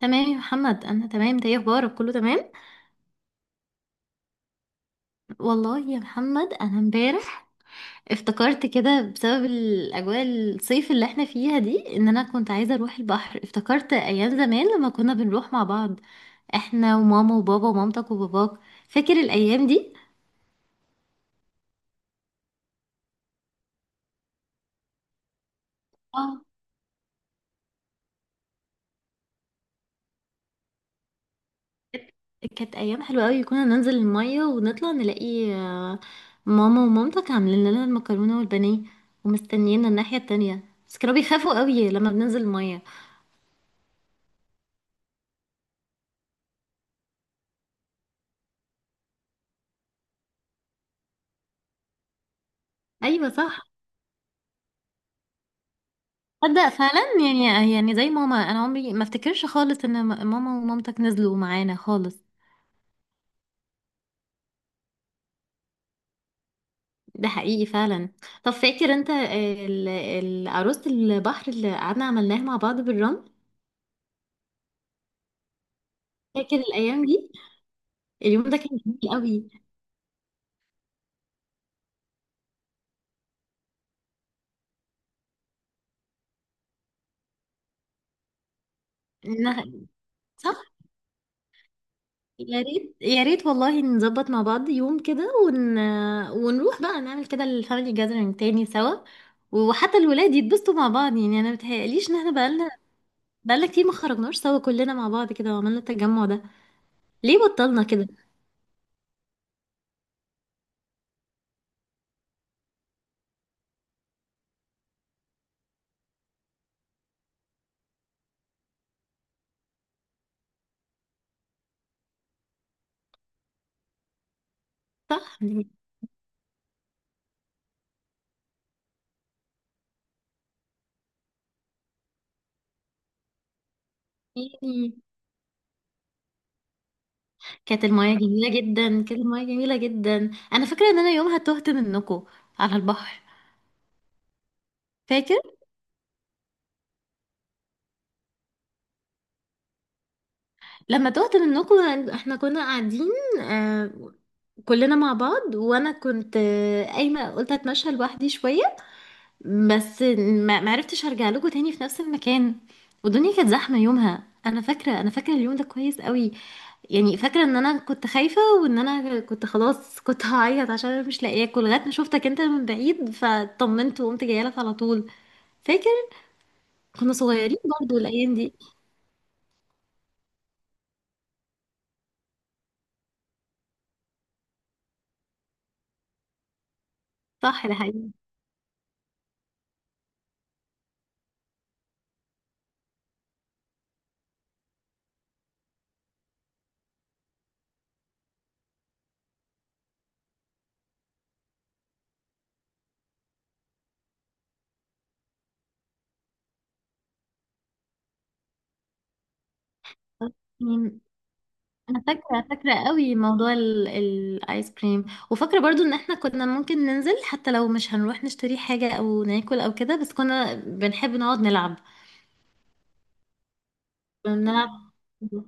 تمام يا محمد، انا تمام. ده ايه اخبارك؟ كله تمام. والله يا محمد، انا امبارح افتكرت كده بسبب الاجواء الصيف اللي احنا فيها دي ان انا كنت عايزه اروح البحر. افتكرت ايام زمان لما كنا بنروح مع بعض، احنا وماما وبابا ومامتك وباباك. فاكر الايام دي؟ اه. كانت ايام حلوه قوي. كنا ننزل الميه ونطلع نلاقي ماما ومامتك عاملين لنا المكرونه والبانيه، ومستنينا الناحيه التانية. بس كانوا بيخافوا قوي لما بننزل الميه. ايوه، صح. تصدق فعلا؟ يعني زي ماما. انا عمري ما افتكرش خالص ان ماما ومامتك نزلوا معانا خالص. ده حقيقي فعلا. طب فاكر انت عروسة البحر اللي قعدنا عملناها مع بعض بالرمل؟ فاكر الايام دي؟ اليوم ده كان جميل قوي. إنها- صح. يا ريت يا ريت والله نظبط مع بعض يوم كده ونروح بقى نعمل كده الفاميلي جاذرينج تاني سوا. وحتى الولاد يتبسطوا مع بعض، يعني انا متهيأليش ان احنا بقالنا كتير ما خرجناش سوا كلنا مع بعض كده وعملنا التجمع ده. ليه بطلنا كده؟ صح. يعني كانت المايه جميله جدا، كانت المايه جميله جدا. انا فاكره ان انا يومها تهت منكم على البحر. فاكر؟ لما تهت منكم، احنا كنا قاعدين آه كلنا مع بعض. وانا كنت قايمه، قلت اتمشى لوحدي شويه، بس ما عرفتش ارجع لكم تاني في نفس المكان. والدنيا كانت زحمه يومها. انا فاكره اليوم ده كويس قوي. يعني فاكرة ان انا كنت خايفة، وان انا كنت خلاص كنت هعيط عشان انا مش لاقيه اكل، لغاية ما شفتك انت من بعيد فطمنت وقمت جاية لك على طول. فاكر؟ كنا صغيرين برضو الايام دي. صح، ده حقيقي. مم. انا فاكرة فاكرة قوي موضوع الايس كريم. وفاكرة برضو ان احنا كنا ممكن ننزل حتى لو مش هنروح نشتري حاجة او ناكل او كده، بس كنا بنحب نقعد نلعب. كنا بنلعب.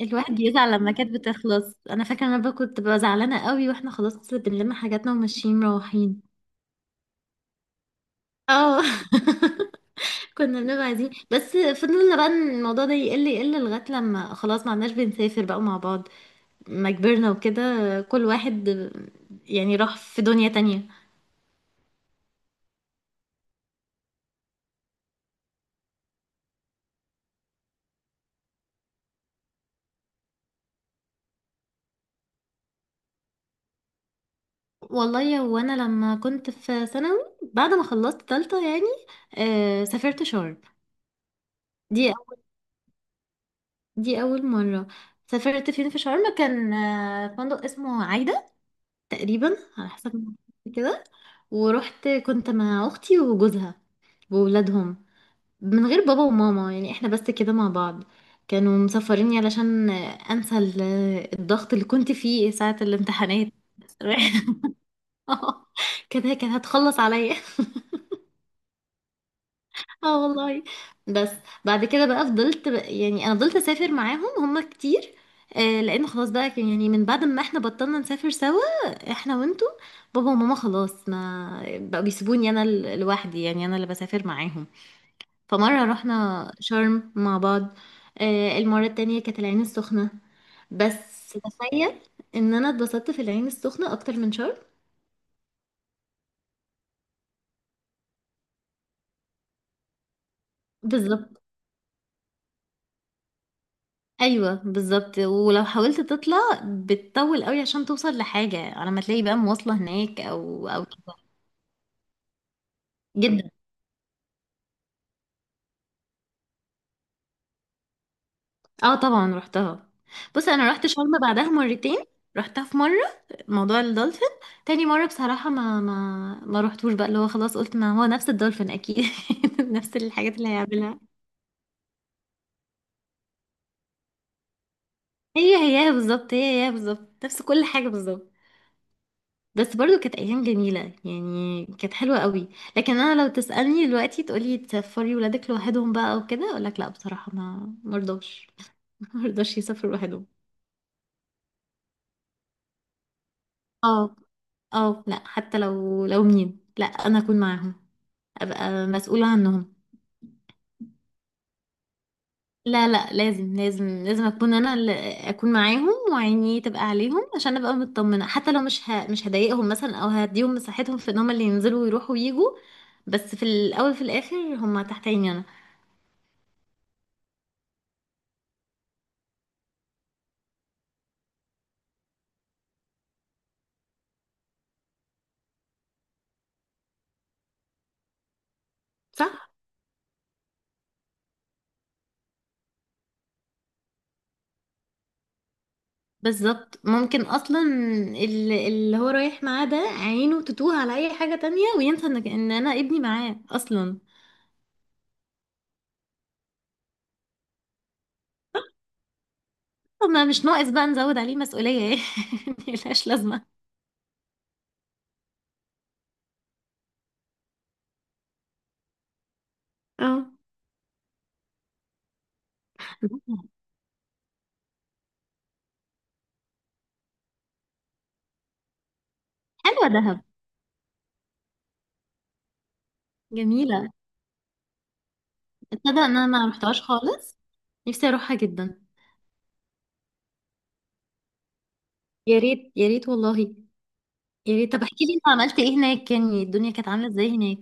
الواحد بيزعل لما كانت بتخلص. انا فاكره انا بقى كنت ببقى زعلانه قوي واحنا خلاص بنلم حاجاتنا وماشيين مروحين. اه. كنا بنبقى عايزين، بس فضلنا بقى إن الموضوع ده يقل يقل لغايه لما خلاص ما عدناش بنسافر بقى مع بعض لما كبرنا وكده. كل واحد يعني راح في دنيا تانية. والله يا، وانا لما كنت في ثانوي بعد ما خلصت تالتة، يعني سافرت شرم. دي دي اول مره. سافرت فين في شرم؟ كان فندق اسمه عايدة، تقريبا على حسب ما أعتقد كده. ورحت كنت مع اختي وجوزها وولادهم، من غير بابا وماما، يعني احنا بس كده مع بعض. كانوا مسافريني علشان انسى الضغط اللي كنت فيه ساعة الامتحانات. كانت هتخلص عليا. اه والله. بس بعد كده بقى فضلت بقى، يعني انا فضلت اسافر معاهم هما كتير. آه، لان خلاص بقى يعني من بعد ما احنا بطلنا نسافر سوا، احنا وانتوا، بابا وماما خلاص ما بقوا بيسيبوني انا لوحدي. يعني انا اللي بسافر معاهم. فمرة رحنا شرم مع بعض. المرة التانية كانت العين السخنة. بس تخيل ان انا اتبسطت في العين السخنة اكتر من شرم. بالظبط. ايوه بالظبط. ولو حاولت تطلع بتطول قوي عشان توصل لحاجه على ما تلاقي بقى مواصله هناك او كده. جدا. اه، طبعا رحتها. بص انا رحت شرم بعدها مرتين، رحتها في مره موضوع الدولفين. تاني مره بصراحه ما رحتوش بقى، اللي هو خلاص قلت ما هو نفس الدولفين اكيد. نفس الحاجات اللي هيعملها. هي هي بالظبط، هي بالظبط، نفس كل حاجه بالظبط. بس برضو كانت ايام جميله، يعني كانت حلوه قوي. لكن انا لو تسالني دلوقتي تقولي تسافري ولادك لوحدهم بقى وكده، اقول لك لا، بصراحه ما مرضاش. مرضاش يسافروا لوحدهم. اه. اه، لا، حتى لو مين، لا، انا اكون معاهم. ابقى مسؤوله عنهم. لا، لا، لازم لازم لازم اكون انا اللي اكون معاهم وعيني تبقى عليهم عشان ابقى مطمنه. حتى لو مش مش هضايقهم مثلا او هديهم مساحتهم في ان هم اللي ينزلوا ويروحوا ويجوا، بس في الاول في الاخر هم تحت عيني انا. صح. بالظبط، ممكن اصلا اللي هو رايح معاه ده عينه تتوه على اي حاجة تانية وينسى ان ان انا ابني معاه اصلا. طب ما مش ناقص بقى نزود عليه مسؤولية، يعني ملهاش لازمة. اه، حلوة دهب. جميلة. تصدق ان انا ما رحتهاش خالص؟ نفسي اروحها جدا. يا ريت، يا ريت والله. يا ريت. طب احكي لي انت عملت ايه هناك، يعني الدنيا كانت عاملة ازاي هناك؟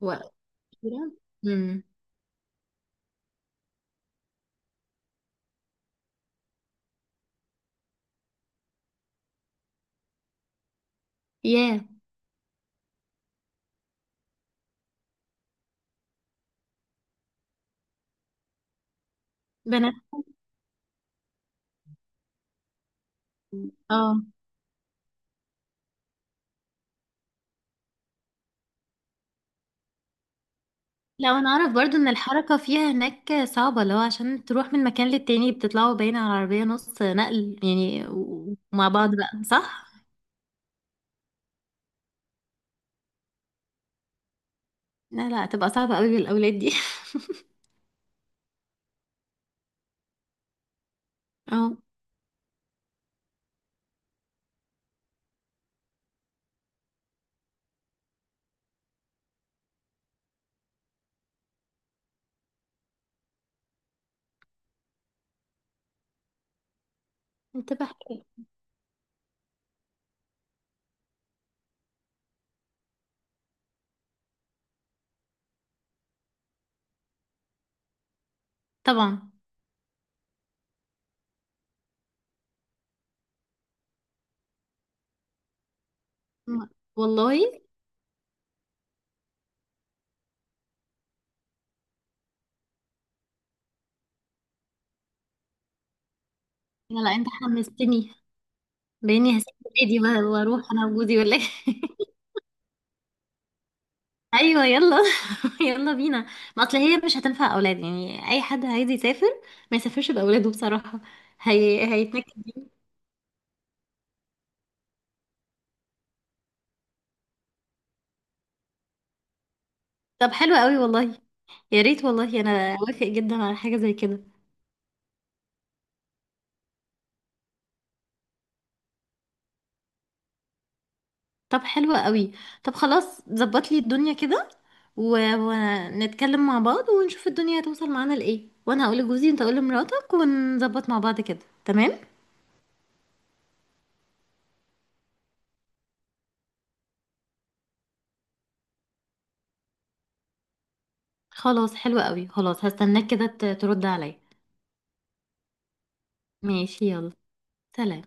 و... امم ياه. بنات. اه. لو انا اعرف برضو ان الحركة فيها هناك صعبة، لو عشان تروح من مكان للتاني بتطلعوا باين على العربية نص نقل، يعني ومع بعض بقى، صح؟ لا، لا، تبقى صعبة قوي بالأولاد دي. اه. انت بحكي. طبعا. م- والله. لا، لا، انت حمستني. باني هسيب ولادي واروح انا وجوزي ولا إيه؟ ايوه يلا. يلا بينا. ما اصل هي مش هتنفع اولاد، يعني اي حد عايز يسافر ما يسافرش باولاده بصراحة. هيتنكد. طب حلو قوي والله. يا ريت والله انا اوافق جدا على حاجه زي كده. طب حلو قوي. طب خلاص ظبط لي الدنيا كده ونتكلم مع بعض ونشوف الدنيا هتوصل معانا لايه. وانا هقول لجوزي انت قول لمراتك ونظبط مع بعض كده. تمام. خلاص حلو قوي. خلاص هستناك كده ترد عليا. ماشي يلا. سلام.